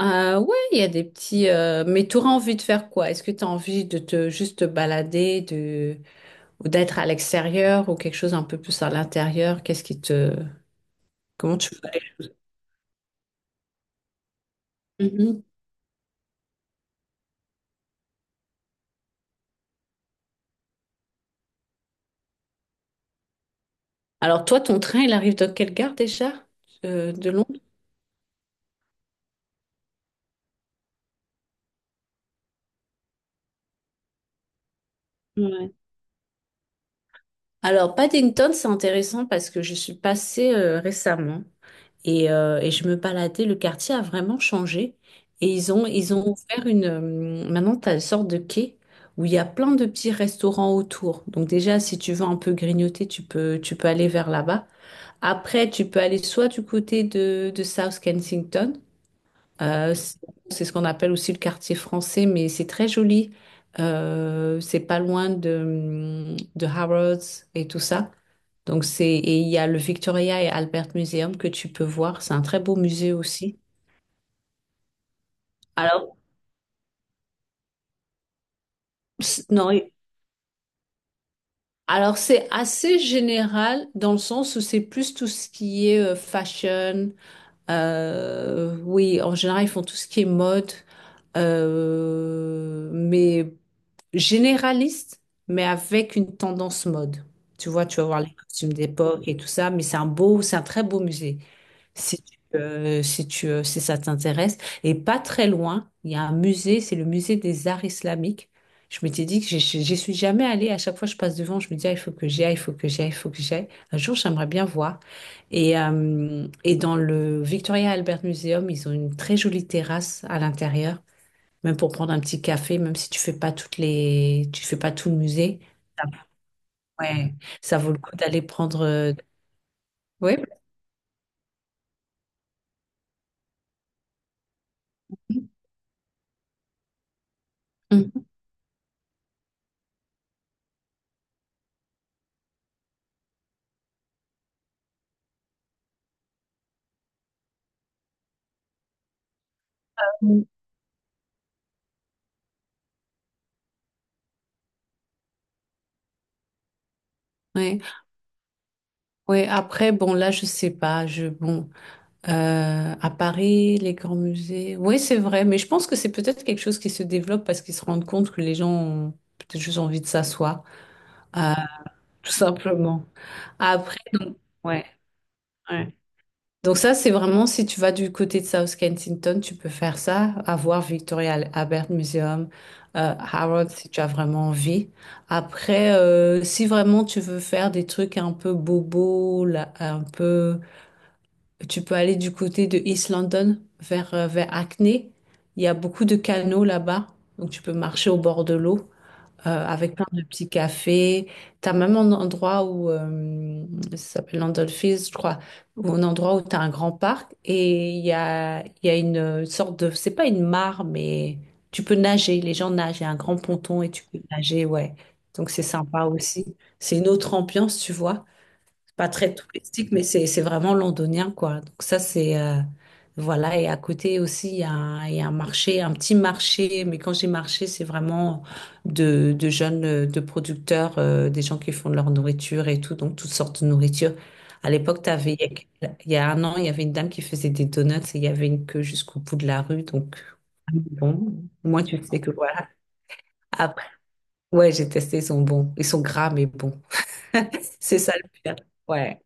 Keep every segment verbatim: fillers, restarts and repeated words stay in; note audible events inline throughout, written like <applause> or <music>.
Euh, ouais, il y a des petits. euh, Mais tu auras envie de faire quoi? Est-ce que tu as envie de te juste te balader, de ou d'être à l'extérieur ou quelque chose un peu plus à l'intérieur? Qu'est-ce qui te. Comment tu ferais? Mhm. Alors toi, ton train, il arrive dans quelle gare déjà? Euh, de Londres? Ouais. Alors Paddington, c'est intéressant parce que je suis passée euh, récemment. Et, euh, et je me baladais, le quartier a vraiment changé. Et ils ont, ils ont ouvert une... euh, maintenant, tu as une sorte de quai où il y a plein de petits restaurants autour. Donc déjà, si tu veux un peu grignoter, tu peux, tu peux aller vers là-bas. Après, tu peux aller soit du côté de, de South Kensington, euh, c'est c'est ce qu'on appelle aussi le quartier français, mais c'est très joli. Euh, c'est pas loin de, de Harrods et tout ça. Donc c'est, et il y a le Victoria et Albert Museum que tu peux voir. C'est un très beau musée aussi. Alors, c'est- non, et- alors c'est assez général dans le sens où c'est plus tout ce qui est euh, fashion. Euh, oui, en général, ils font tout ce qui est mode. Euh, mais généraliste, mais avec une tendance mode. Tu vois, tu vas voir les costumes d'époque et tout ça, mais c'est un beau, c'est un très beau musée. Si tu, euh, si tu, euh, si ça t'intéresse. Et pas très loin, il y a un musée, c'est le musée des arts islamiques. Je m'étais dit que j'y j'y suis jamais allée. À chaque fois que je passe devant, je me dis, ah, il faut que j'y aille, il faut que j'y aille, il faut que j'y aille. Un jour, j'aimerais bien voir. Et, euh, et dans le Victoria Albert Museum, ils ont une très jolie terrasse à l'intérieur. Même pour prendre un petit café, même si tu fais pas toutes les, tu fais pas tout le musée. ça- Ouais, ça vaut le coup d'aller prendre. euh, Ouais. Mhm. Ouais, ouais. Après, bon, là, je sais pas. Je, bon, euh, à Paris, les grands musées. Oui, c'est vrai, mais je pense que c'est peut-être quelque chose qui se développe parce qu'ils se rendent compte que les gens ont peut-être juste envie de s'asseoir, euh, tout simplement. Après, donc, ouais, ouais. Donc ça, c'est vraiment, si tu vas du côté de South Kensington, tu peux faire ça, avoir Victoria Albert Museum, euh, Harrods, si tu as vraiment envie. Après, euh, si vraiment tu veux faire des trucs un peu bobo, là, un peu, tu peux aller du côté de East London, vers, euh, vers Hackney. Il y a beaucoup de canaux là-bas, donc tu peux marcher au bord de l'eau euh, avec plein de petits cafés. Tu as même un endroit où, euh, ça s'appelle Landolfis, je crois, où un endroit où tu as un grand parc et il y a, il y a une sorte de, c'est pas une mare, mais tu peux nager, les gens nagent, il y a un grand ponton et tu peux nager, ouais. Donc c'est sympa aussi. C'est une autre ambiance, tu vois pas très touristique, mais c'est c'est vraiment londonien, quoi. Donc ça, c'est... euh, voilà, et à côté aussi, il y a, un il y a un marché, un petit marché, mais quand j'ai marché, c'est vraiment de, de jeunes, euh, de producteurs, euh, des gens qui font de leur nourriture et tout, donc toutes sortes de nourriture. À l'époque, t'avais, il y a un an, il y avait une dame qui faisait des donuts et il y avait une queue jusqu'au bout de la rue, donc bon, moi, tu sais que voilà. Après, ouais, j'ai testé, ils sont bons. Ils sont gras, mais bons. <laughs> C'est ça le pire. Ouais.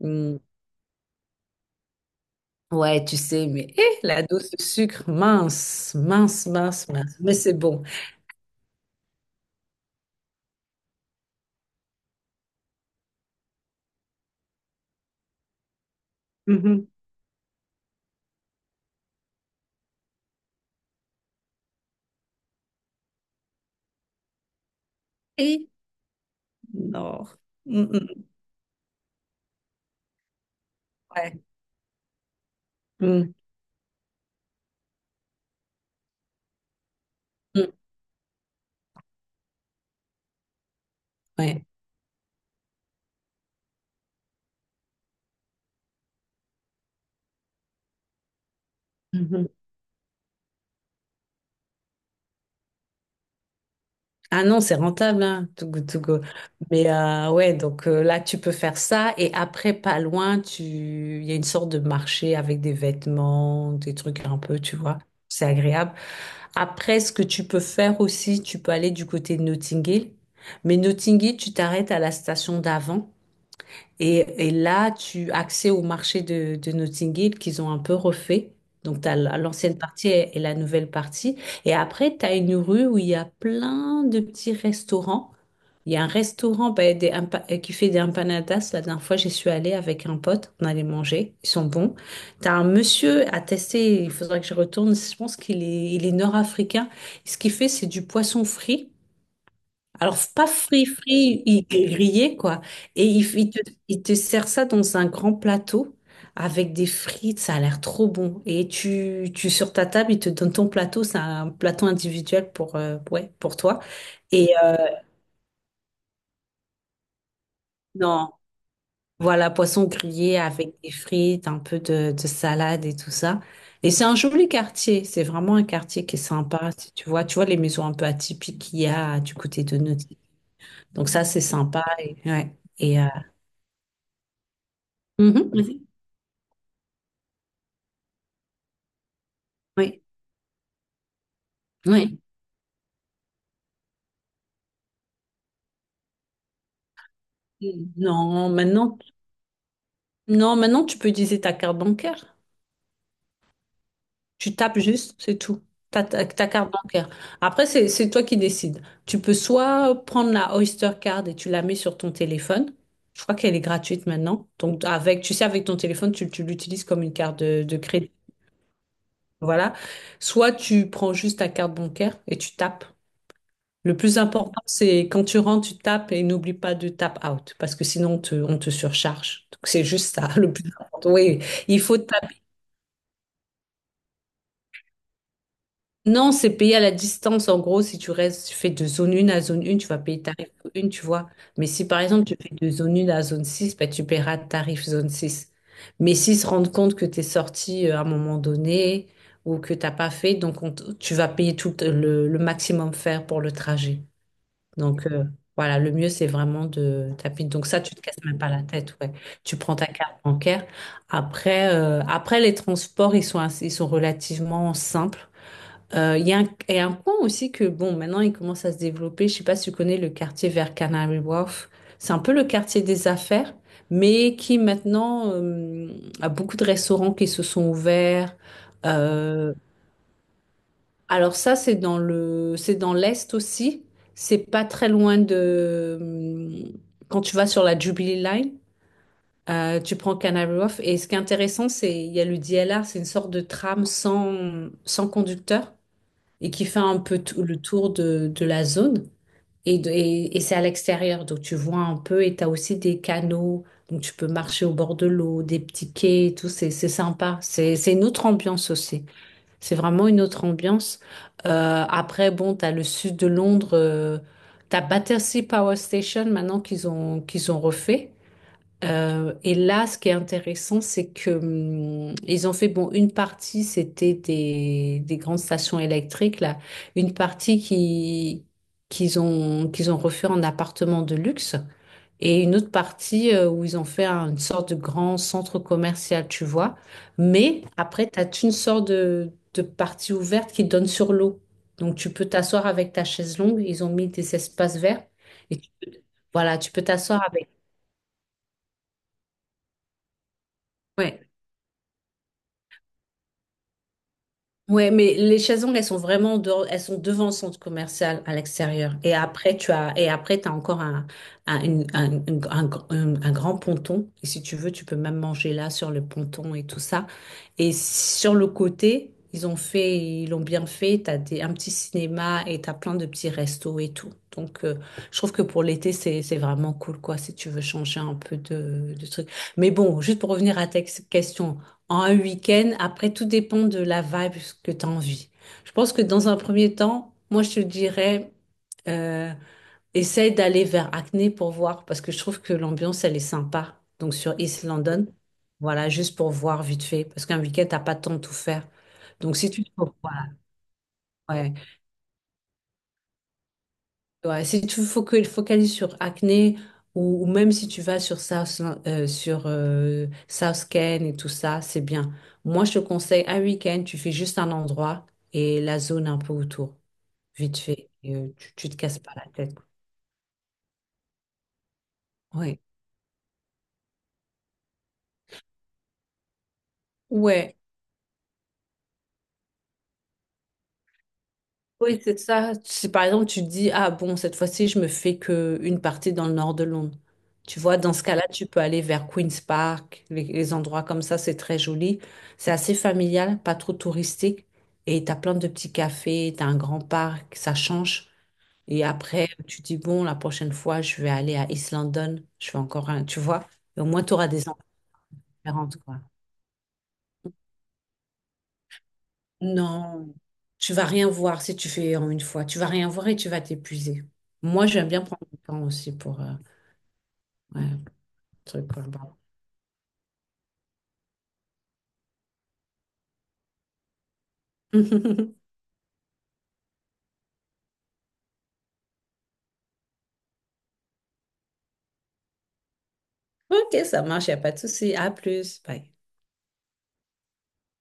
Mm. Ouais, tu sais, mais eh, la dose de sucre, mince, mince, mince, mince. Mais c'est bon. Mhm. Et non. Mm, mm, ouais. Mm, mm, ouais. Mhm. Ah non, c'est rentable, hein, to go, to go. Mais euh, ouais, donc euh, là, tu peux faire ça. Et après, pas loin, tu... il y a une sorte de marché avec des vêtements, des trucs un peu, tu vois. C'est agréable. Après, ce que tu peux faire aussi, tu peux aller du côté de Notting Hill. Mais Notting Hill, tu t'arrêtes à la station d'avant. Et, et là, tu as accès au marché de, de Notting Hill qu'ils ont un peu refait. Donc, tu as l'ancienne partie et, et la nouvelle partie. Et après, tu as une rue où il y a plein de petits restaurants. Il y a un restaurant ben, des empa- euh, qui fait des empanadas. La dernière fois, j'y suis allée avec un pote. On allait manger. Ils sont bons. Tu as un monsieur à tester. Il faudrait que je retourne. Je pense qu'il est, il est nord-africain. Ce qu'il fait, c'est du poisson frit. Alors, c'est pas frit, frit, il est grillé, quoi. Et il, il te, il te sert ça dans un grand plateau avec des frites, ça a l'air trop bon. Et tu, tu, sur ta table, il te donne ton plateau, c'est un plateau individuel pour, euh, ouais, pour toi. Et euh, non, Voilà, poisson grillé avec des frites, un peu de, de salade et tout ça. Et c'est un joli quartier, c'est vraiment un quartier qui est sympa, si tu vois. Tu vois les maisons un peu atypiques qu'il y a du côté de Nautique. Donc ça, c'est sympa. Et, ouais. Et, euh, mhm. Oui, oui. Non, maintenant, non, maintenant tu peux utiliser ta carte bancaire. Tu tapes juste, c'est tout. Ta, ta, ta carte bancaire. Après, c'est, c'est toi qui décides. Tu peux soit prendre la Oyster Card et tu la mets sur ton téléphone. Je crois qu'elle est gratuite maintenant. Donc, avec, tu sais, avec ton téléphone, tu, tu l'utilises comme une carte de, de crédit. Voilà. Soit tu prends juste ta carte bancaire et tu tapes. Le plus important, c'est quand tu rentres, tu tapes et n'oublie pas de tap out parce que sinon on te, on te surcharge. Donc c'est juste ça, <laughs> le plus important. Oui, il faut taper. Non, c'est payer à la distance. En gros, si tu restes, tu fais de zone un à zone un, tu vas payer tarif un, tu vois. Mais si par exemple tu fais de zone un à zone six ben, tu paieras tarif zone six. Mais s'ils se rendent compte que tu es sorti euh, à un moment donné ou que tu n'as pas fait, donc on t- tu vas payer tout le, le maximum faire pour le trajet. Donc euh, voilà, le mieux c'est vraiment de taper. Donc ça, tu te casses même pas la tête, ouais. Tu prends ta carte bancaire. Après, euh, après les transports, ils sont assez- ils sont relativement simples. Euh, Il y a un, et un point aussi que bon, maintenant il commence à se développer. Je sais pas si tu connais le quartier vers Canary Wharf. C'est un peu le quartier des affaires, mais qui maintenant euh, a beaucoup de restaurants qui se sont ouverts. Euh, alors ça, c'est dans le, c'est dans l'Est aussi. C'est pas très loin de... hum, Quand tu vas sur la Jubilee Line, euh, tu prends Canary Wharf. Et ce qui est intéressant, c'est il y a le D L R, c'est une sorte de tram sans, sans conducteur et qui fait un peu tout le tour de, de la zone. Et, de- et, et c'est à l'extérieur, donc tu vois un peu. Et tu as aussi des canaux, donc tu peux marcher au bord de l'eau, des petits quais, et tout. C'est c'est sympa. C'est c'est une autre ambiance aussi. C'est vraiment une autre ambiance. Euh, après, bon, t'as le sud de Londres, euh, t'as Battersea Power Station maintenant qu'ils ont qu'ils ont refait. Euh, et là, ce qui est intéressant, c'est que hum, ils ont fait bon une partie, c'était des, des grandes stations électriques là, une partie qui qu'ils ont qu'ils ont refait en appartements de luxe et une autre partie euh, où ils ont fait un- une sorte de grand centre commercial, tu vois. Mais après, tu as une sorte de, de partie ouverte qui donne sur l'eau. Donc, tu peux t'asseoir avec ta chaise longue. Ils ont mis des espaces verts. Et tu peux- voilà, tu peux t'asseoir avec. Ouais. Ouais, mais les chaises longues, elles sont vraiment dehors- elles sont devant le centre commercial à l'extérieur. Et après, tu as, et après, t'as encore un, un, une- un, une- un gr- un- un grand ponton. Et si tu veux, tu peux même manger là sur le ponton et tout ça. Et sur le côté, ils ont fait, ils l'ont bien fait. T'as des, un petit cinéma et t'as plein de petits restos et tout. Donc, euh, je trouve que pour l'été, c'est, c'est vraiment cool, quoi, si tu veux changer un peu de, de truc. Mais bon, juste pour revenir à ta question en un week-end. Après, tout dépend de la vibe que tu as envie. Je pense que dans un premier temps, moi, je te dirais, euh, essaye d'aller vers Acne pour voir, parce que je trouve que l'ambiance, elle est sympa. Donc, sur East London, voilà, juste pour voir vite fait, parce qu'un week-end, t'as pas le temps de tout faire. Donc, si tu trouves, voilà, ouais. Ouais, si tu focu- focalises sur acné ou, ou même si tu vas sur South, euh, sur euh, South Ken et tout ça, c'est bien. Moi, je te conseille un week-end, tu fais juste un endroit et la zone un peu autour, vite fait. Et, euh, tu, tu te casses pas la tête. Oui. Ouais, Oui, c'est ça. Si par exemple tu te dis, ah bon, cette fois-ci, je me fais que une partie dans le nord de Londres. Tu vois, dans ce cas-là, tu peux aller vers Queen's Park, les, les endroits comme ça, c'est très joli. C'est assez familial, pas trop touristique. Et t'as plein de petits cafés, t'as un grand parc, ça change. Et après, tu dis, bon, la prochaine fois, je vais aller à East London. Je fais encore un, tu vois. Et au moins, tu auras des envies différentes, quoi. Non, tu vas rien voir si tu fais en une fois. Tu vas rien voir et tu vas t'épuiser. Moi, j'aime bien prendre le temps aussi pour euh, ouais, truc. Quoi. Bon. <laughs> Ok, ça marche, il a pas de souci. À plus. Bye.